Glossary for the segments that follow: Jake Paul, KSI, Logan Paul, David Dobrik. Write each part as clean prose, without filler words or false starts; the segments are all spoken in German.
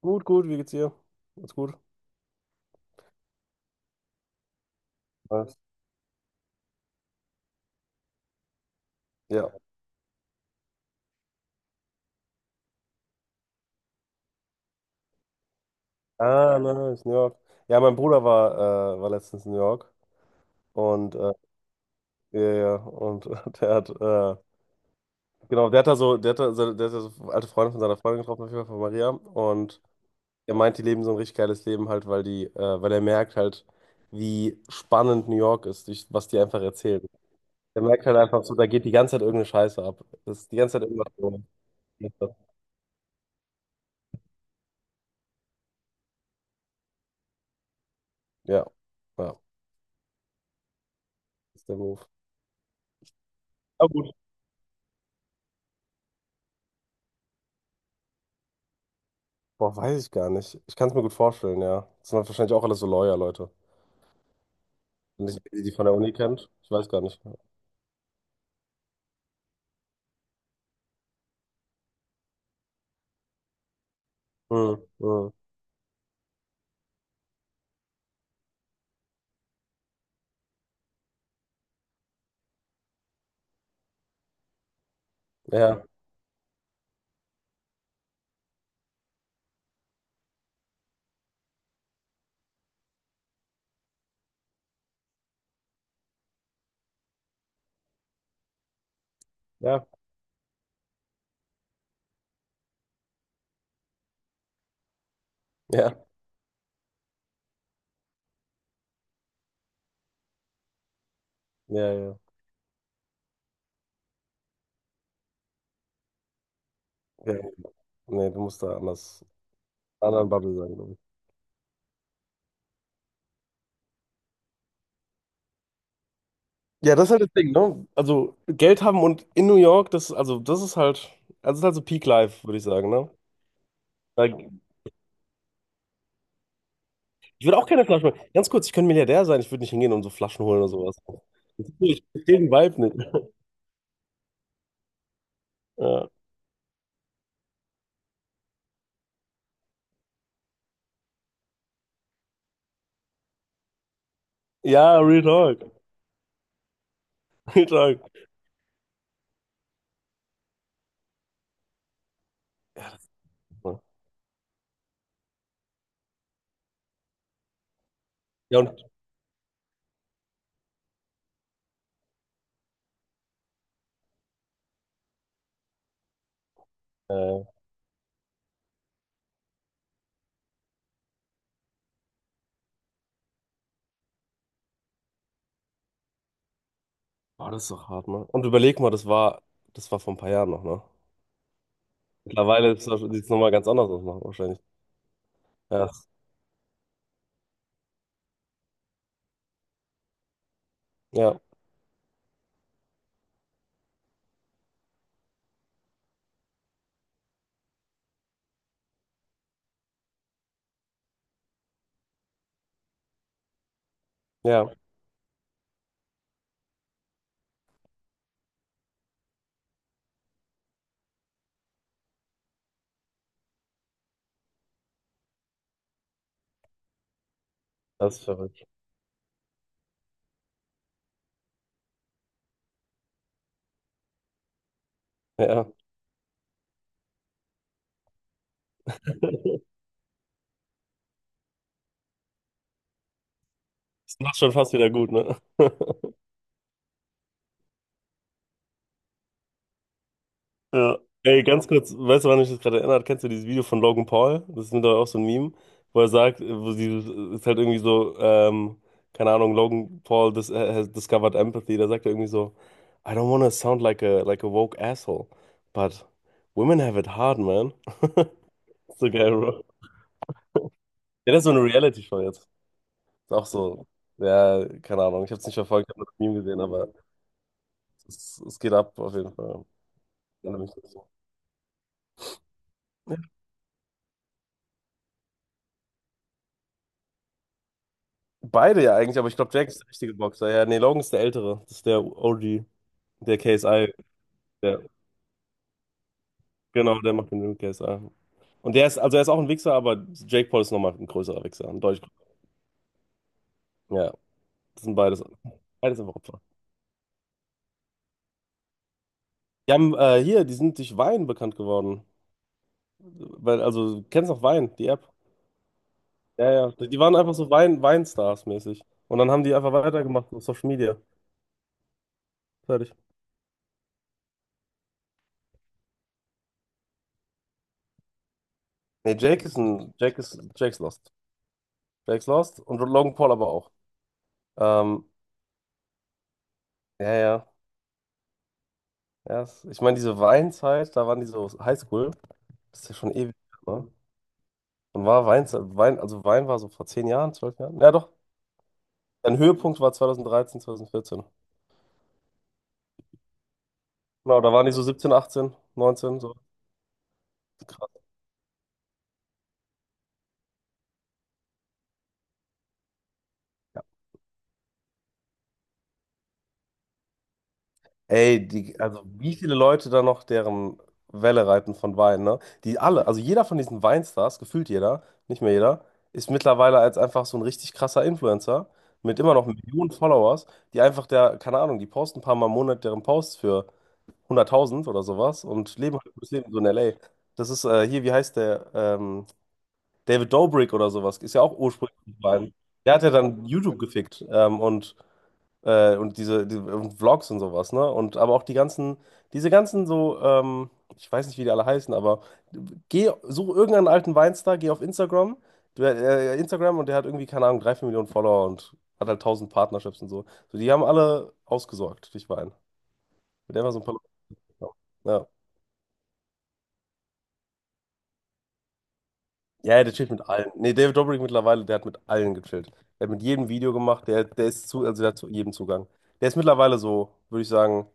Gut, gut, wie geht's dir? Alles gut? Was? Ja. Ah, nice, New York. Ja, mein Bruder war, war letztens in New York und äh, ja, ja, und der hat, genau, der hat da so alte Freunde von seiner Freundin getroffen, auf jeden Fall von Maria. Und er meint, die leben so ein richtig geiles Leben halt, weil er merkt halt, wie spannend New York ist, durch, was die einfach erzählen. Der merkt halt einfach so, da geht die ganze Zeit irgendeine Scheiße ab. Das ist die ganze Zeit irgendwas so. Ja, ja, das ist der Move. Aber gut. Boah, weiß ich gar nicht. Ich kann es mir gut vorstellen, ja. Das sind wahrscheinlich auch alles so Lawyer-Leute. Nicht die, die von der Uni kennt. Ich weiß gar nicht. Hm, hm. Ja, ja, ja, ja, ja, ja. Nee, du musst da anderen Bubble sein, glaube ich. Ja, das ist halt das Ding, ne? Also Geld haben und in New York, das ist halt so Peak Life, würde ich sagen, ne? Da, Ich würde auch keine Flaschen holen. Ganz kurz, ich könnte Milliardär sein, ich würde nicht hingehen und so Flaschen holen oder sowas. Ich verstehe den Vibe nicht. Ja, ja, Real Talk. Real Talk. Ja. Äh, Oh, das ist doch hart, ne? Und überleg mal, das war vor ein paar Jahren noch, ne? Mittlerweile sieht es nochmal ganz anders aus, machen wahrscheinlich. Ja, ja, ja, das ist verrückt. Ja, ja. Das macht schon fast wieder gut, ne? Ja. Ey, ganz kurz, weißt du, wann mich das gerade erinnert? Kennst du dieses Video von Logan Paul? Das ist mittlerweile auch so ein Meme, wo er sagt, wo dieses, ist halt irgendwie so, keine Ahnung, Logan Paul dis has discovered empathy. Da sagt er irgendwie so, I don't wanna sound like a woke asshole, but women have it hard, man. So geil, Bro. Ja, das ist so eine Reality-Show jetzt. Ist auch so. Ja, keine Ahnung. Ich habe es nicht verfolgt, ich habe nur das Meme gesehen, aber es geht ab auf jeden Fall. Ja, nämlich das so. Beide ja eigentlich, aber ich glaube, Jack ist der richtige Boxer. Ja, nee, Logan ist der Ältere. Das ist der OG, der KSI. Der, genau, der macht den KSI. Und der ist, also er ist auch ein Wichser, aber Jake Paul ist nochmal ein größerer Wichser, ein deutlich größerer. Ja, das sind beides. Beides einfach Opfer. Die sind durch Wein bekannt geworden. Weil, also, du kennst noch Wein, die App? Ja, ja. Die waren einfach so Weinstars-mäßig. Und dann haben die einfach weitergemacht auf Social Media. Fertig. Nee, Jake ist ein. Jake ist. Jake's Lost. Jake's Lost und Logan Paul aber auch. Ähm, ja, ja. Ja, ich meine, diese Weinzeit, da waren die so Highschool. Das ist ja schon ewig, ne? Und war Weinzeit. Also, Wein war so vor 10 Jahren, 12 Jahren. Ja, doch. Sein Höhepunkt war 2013, 2014. Genau, da waren die so 17, 18, 19, so. Krass. Ey, also wie viele Leute da noch deren Welle reiten von Wein, ne? Die alle, also jeder von diesen Weinstars, gefühlt jeder, nicht mehr jeder, ist mittlerweile als einfach so ein richtig krasser Influencer mit immer noch Millionen Followers, die einfach der, keine Ahnung, die posten ein paar Mal im Monat deren Posts für 100.000 oder sowas und leben halt das Leben so in LA. Das ist hier, wie heißt der? David Dobrik oder sowas, ist ja auch ursprünglich Wein. Der hat ja dann YouTube gefickt und diese, die- und Vlogs und sowas, ne? Und aber auch die ganzen, diese ganzen so, ich weiß nicht, wie die alle heißen, aber geh, such irgendeinen alten Weinstar, geh auf Instagram, du, Instagram, und der hat irgendwie, keine Ahnung, drei, vier Millionen Follower und hat halt tausend Partnerships und so. So, die haben alle ausgesorgt, durch Wein. Mit der war so ein paar Leute gekommen. Ja. Ja, der chillt mit allen. Nee, David Dobrik mittlerweile, der hat mit allen gechillt. Der hat mit jedem Video gemacht, also der hat zu jedem Zugang. Der ist mittlerweile so, würde ich sagen.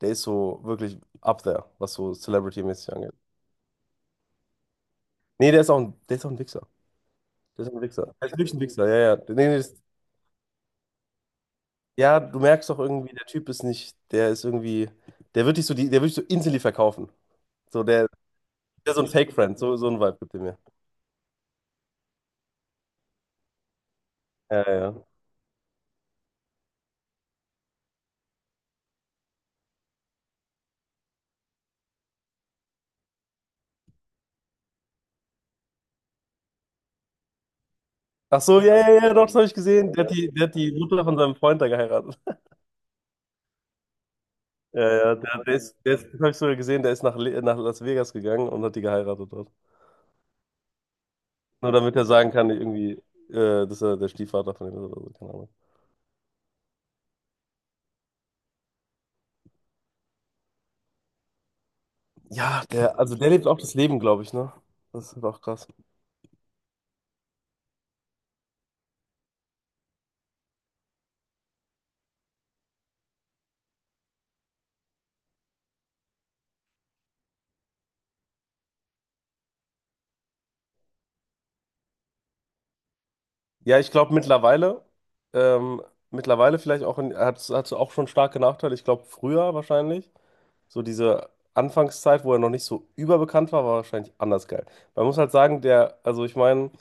Der ist so wirklich up there, was so Celebrity-mäßig angeht. Nee, der ist auch ein Wichser. Der ist ein Wichser. Der ist wirklich ein Wichser, ja, ja. Nee, nee, das, ja, du merkst doch irgendwie, der Typ ist nicht, der ist irgendwie, der wird dich so instantly verkaufen. So, der ist so ein Fake-Friend, so, so ein Vibe gibt er mir. Ja, ja, ja. Ach so, ja, ja, ja, doch, das habe ich gesehen. Der hat die Mutter von seinem Freund da geheiratet. Ja, ja, das habe ich sogar gesehen, der ist nach Las Vegas gegangen und hat die geheiratet dort. Nur damit er sagen kann, irgendwie, dass er der Stiefvater von ihm ist oder so, keine Ahnung. Ja, also der lebt auch das Leben, glaube ich, ne? Das ist auch krass. Ja, ich glaube ähm, mittlerweile vielleicht auch, hat auch schon starke Nachteile. Ich glaube früher wahrscheinlich, so diese Anfangszeit, wo er noch nicht so überbekannt war, war wahrscheinlich anders geil. Man muss halt sagen, also ich meine,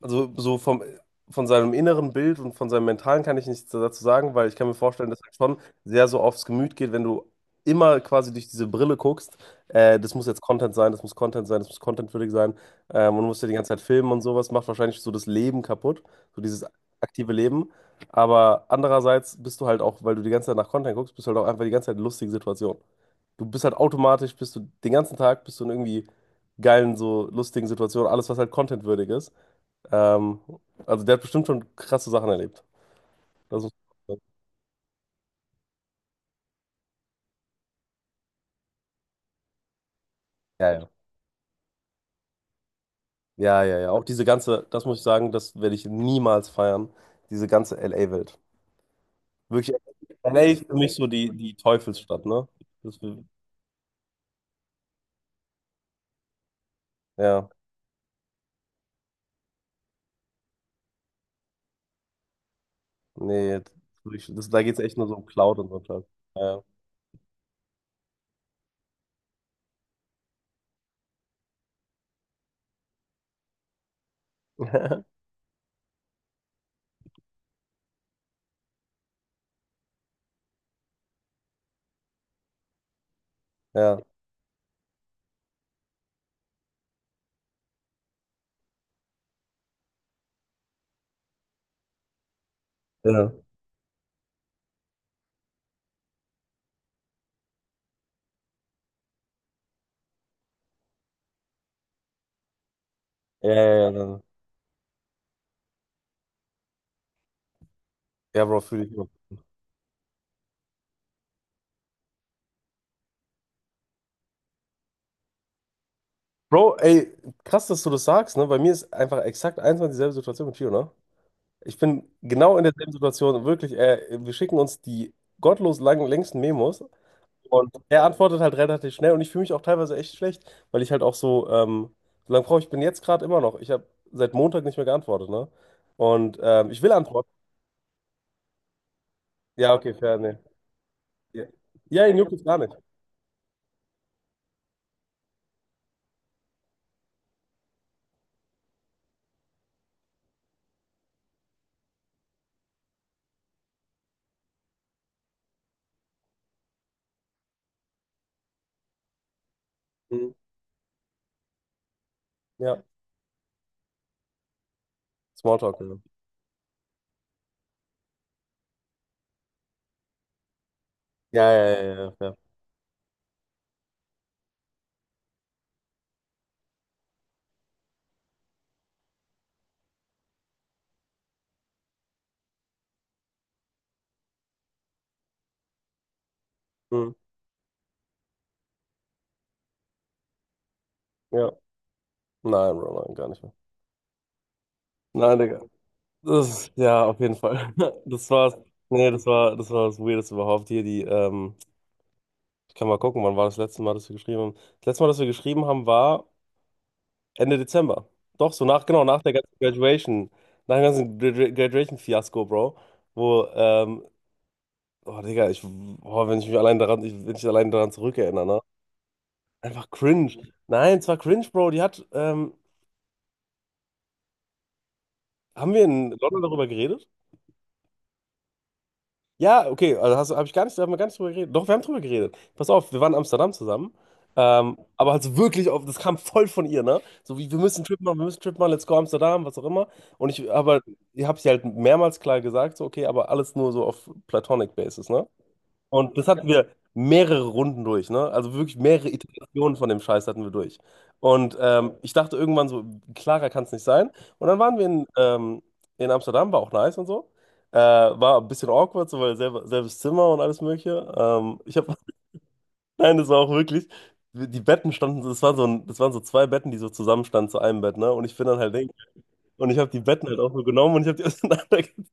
also so von seinem inneren Bild und von seinem Mentalen kann ich nichts dazu sagen, weil ich kann mir vorstellen, dass er schon sehr so aufs Gemüt geht, wenn du immer quasi durch diese Brille guckst. Das muss jetzt Content sein, das muss Content sein, das muss contentwürdig sein. Und du musst ja die ganze Zeit filmen und sowas, macht wahrscheinlich so das Leben kaputt, so dieses aktive Leben. Aber andererseits bist du halt auch, weil du die ganze Zeit nach Content guckst, bist du halt auch einfach die ganze Zeit in lustigen Situationen. Du bist halt automatisch, bist du den ganzen Tag, bist du in irgendwie geilen, so lustigen Situationen, alles, was halt contentwürdig ist. Ähm, also der hat bestimmt schon krasse Sachen erlebt. Das muss ja, ja. Ja, ja, ja. Auch diese ganze, das muss ich sagen, das werde ich niemals feiern. Diese ganze LA-Welt. Wirklich, LA ist für mich so die, Teufelsstadt, ne? Das, ja, nee, da geht es echt nur so um Cloud und so. Klar. Ja. Ja. Ja. Ja, ja, ja. Ja, ja, Bro, fühle ich immer. Bro, ey, krass, dass du das sagst, ne? Bei mir ist einfach exakt eins und dieselbe Situation mit Gio, ne? Ich bin genau in derselben Situation. Wirklich, wir schicken uns die gottlos langen, längsten Memos und er antwortet halt relativ schnell und ich fühle mich auch teilweise echt schlecht, weil ich halt auch so lange brauche, ich bin jetzt gerade immer noch. Ich habe seit Montag nicht mehr geantwortet, ne? Und ich will antworten. Ja, okay, fair, ne. Ja, ja, ihn juckt es gar nicht. Mhm. Ja, Smalltalk, ne? Ja, ja, ja, ja, fair. Mhm. Ja, nein, Bro, nein, gar nicht mehr. Nein, Digga. Das, ja, auf jeden Fall. Das war's. Nee, das war das Weirdeste überhaupt hier. Ich kann mal gucken, wann war das letzte Mal, dass wir geschrieben haben. Das letzte Mal, dass wir geschrieben haben, war Ende Dezember. Doch, so nach, genau, nach der ganzen Graduation, nach dem ganzen Graduation-Fiasko, Bro. Wo, oh Digga, oh, wenn ich mich allein daran, ich, wenn ich allein daran zurückerinnere, ne? Einfach cringe. Nein, es war cringe, Bro. Haben wir in London darüber geredet? Ja, okay, also hab ich gar nicht, haben wir gar nicht drüber geredet. Doch, wir haben drüber geredet. Pass auf, wir waren in Amsterdam zusammen. Aber halt so wirklich auf, das kam voll von ihr, ne? So wie, wir müssen einen Trip machen, wir müssen einen Trip machen, let's go Amsterdam, was auch immer. Aber ich habe sie halt mehrmals klar gesagt, so, okay, aber alles nur so auf Platonic Basis, ne? Und das hatten wir mehrere Runden durch, ne? Also wirklich mehrere Iterationen von dem Scheiß hatten wir durch. Und ich dachte irgendwann so, klarer kann es nicht sein. Und dann waren wir in Amsterdam, war auch nice und so. War ein bisschen awkward, so weil selbes Zimmer und alles Mögliche. Ich habe, nein, das war auch wirklich, die Betten standen, so, das waren so zwei Betten, die so zusammenstanden zu einem Bett, ne? Und ich bin dann halt, und ich habe die Betten halt auch so genommen und ich habe die auseinandergezogen.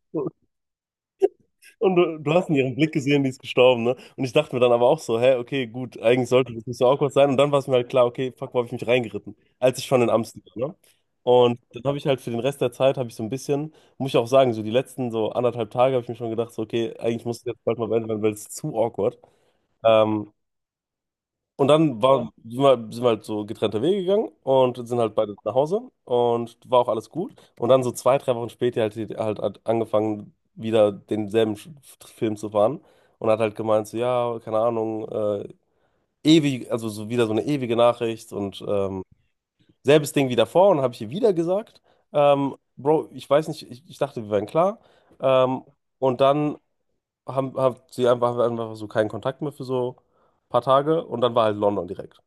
Und du hast in ihrem Blick gesehen, die ist gestorben, ne? Und ich dachte mir dann aber auch so, hä, okay, gut, eigentlich sollte das nicht so awkward sein. Und dann war es mir halt klar, okay, fuck, wo habe ich mich reingeritten? Als ich schon in Amsterdam war, ne? Und dann habe ich halt für den Rest der Zeit, habe ich so ein bisschen, muss ich auch sagen, so die letzten so anderthalb Tage habe ich mir schon gedacht, so, okay, eigentlich muss ich jetzt bald mal beenden, weil es ist zu awkward. Ähm, und dann war, sind wir halt so getrennte Wege gegangen und sind halt beide nach Hause und war auch alles gut. Und dann so zwei, drei Wochen später hat sie halt angefangen, wieder denselben Film zu fahren und hat halt gemeint, so, ja, keine Ahnung, ewig, also so wieder so eine ewige Nachricht und selbes Ding wie davor und habe ich ihr wieder gesagt, Bro, ich weiß nicht, ich dachte, wir wären klar. Ähm, und dann haben wir einfach so keinen Kontakt mehr für so ein paar Tage und dann war halt London direkt.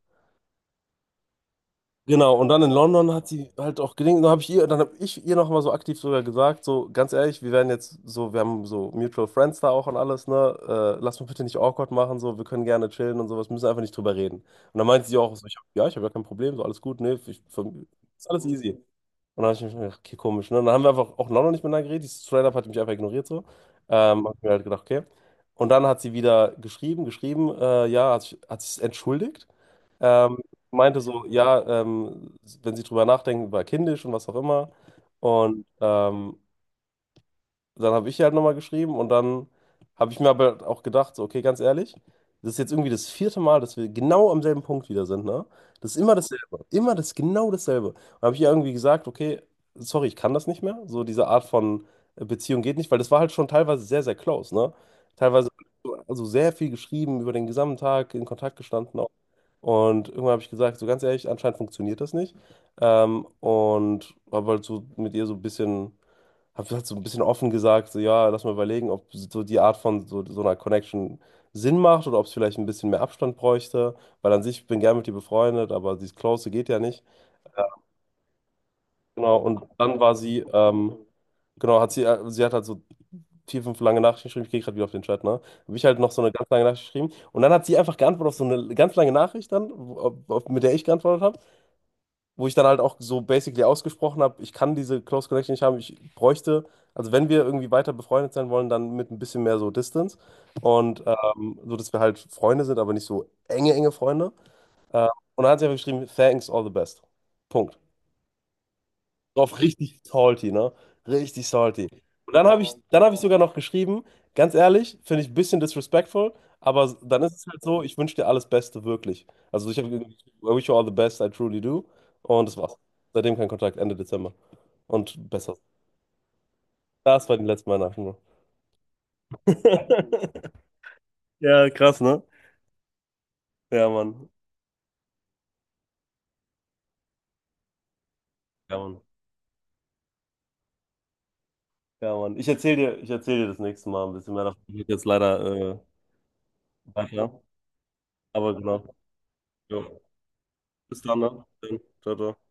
Genau, und dann in London hat sie halt auch gelingt. Dann habe ich ihr nochmal so aktiv sogar gesagt, so ganz ehrlich, wir haben so Mutual Friends da auch und alles, ne? Lass mich bitte nicht awkward machen, so, wir können gerne chillen und sowas, müssen einfach nicht drüber reden. Und dann meinte sie auch so, ja, ich habe ja kein Problem, so alles gut, ne? Ich, für, ist alles easy. Und dann habe ich mich gedacht, okay, komisch, ne? Und dann haben wir einfach auch in London nicht miteinander geredet, die straight up hat mich einfach ignoriert, so. Hab mir halt gedacht, okay. Und dann hat sie wieder geschrieben, ja, hat sich entschuldigt. Ähm, Meinte so, ja, wenn sie drüber nachdenken, war kindisch und was auch immer. Und dann habe ich ihr halt nochmal geschrieben und dann habe ich mir aber halt auch gedacht, so, okay, ganz ehrlich, das ist jetzt irgendwie das vierte Mal, dass wir genau am selben Punkt wieder sind, ne? Das ist immer dasselbe, immer das, genau dasselbe. Und habe ich ihr irgendwie gesagt, okay, sorry, ich kann das nicht mehr. So diese Art von Beziehung geht nicht, weil das war halt schon teilweise sehr, sehr close, ne? Teilweise, also sehr viel geschrieben, über den gesamten Tag in Kontakt gestanden, und irgendwann habe ich gesagt, so ganz ehrlich, anscheinend funktioniert das nicht. Und habe halt so ein bisschen offen gesagt, so ja, lass mal überlegen, ob so die Art von so einer Connection Sinn macht oder ob es vielleicht ein bisschen mehr Abstand bräuchte, weil an sich, ich bin gern mit ihr befreundet, aber dieses Close geht ja nicht. Ja, genau, und dann war sie, genau, sie hat halt so vier, fünf lange Nachrichten geschrieben. Ich gehe gerade wieder auf den Chat, ne? Habe ich halt noch so eine ganz lange Nachricht geschrieben. Und dann hat sie einfach geantwortet auf so eine ganz lange Nachricht dann, mit der ich geantwortet, wo ich dann halt auch so basically ausgesprochen habe, ich kann diese Close Connection nicht haben, ich bräuchte, also wenn wir irgendwie weiter befreundet sein wollen, dann mit ein bisschen mehr so Distance und so, dass wir halt Freunde sind, aber nicht so enge Freunde. Äh, und dann hat sie einfach geschrieben, thanks, all the best. Punkt. Drauf richtig salty, ne? Richtig salty. Und dann dann habe ich sogar noch geschrieben, ganz ehrlich, finde ich ein bisschen disrespectful, aber dann ist es halt so, ich wünsche dir alles Beste, wirklich. Also ich habe irgendwie, geschrieben, I wish you all the best, I truly do. Und das war's. Seitdem kein Kontakt, Ende Dezember. Und besser. Das war die letzte Weihnachten, ne? Ja, krass, ne? Ja, Mann. Ja, Mann. Ja, Mann. Ich erzähl dir das nächste Mal ein bisschen mehr davon. Ich muss jetzt leider äh, weiter. Aber genau. Jo. Bis dann, ne? Dann. Ciao, ciao.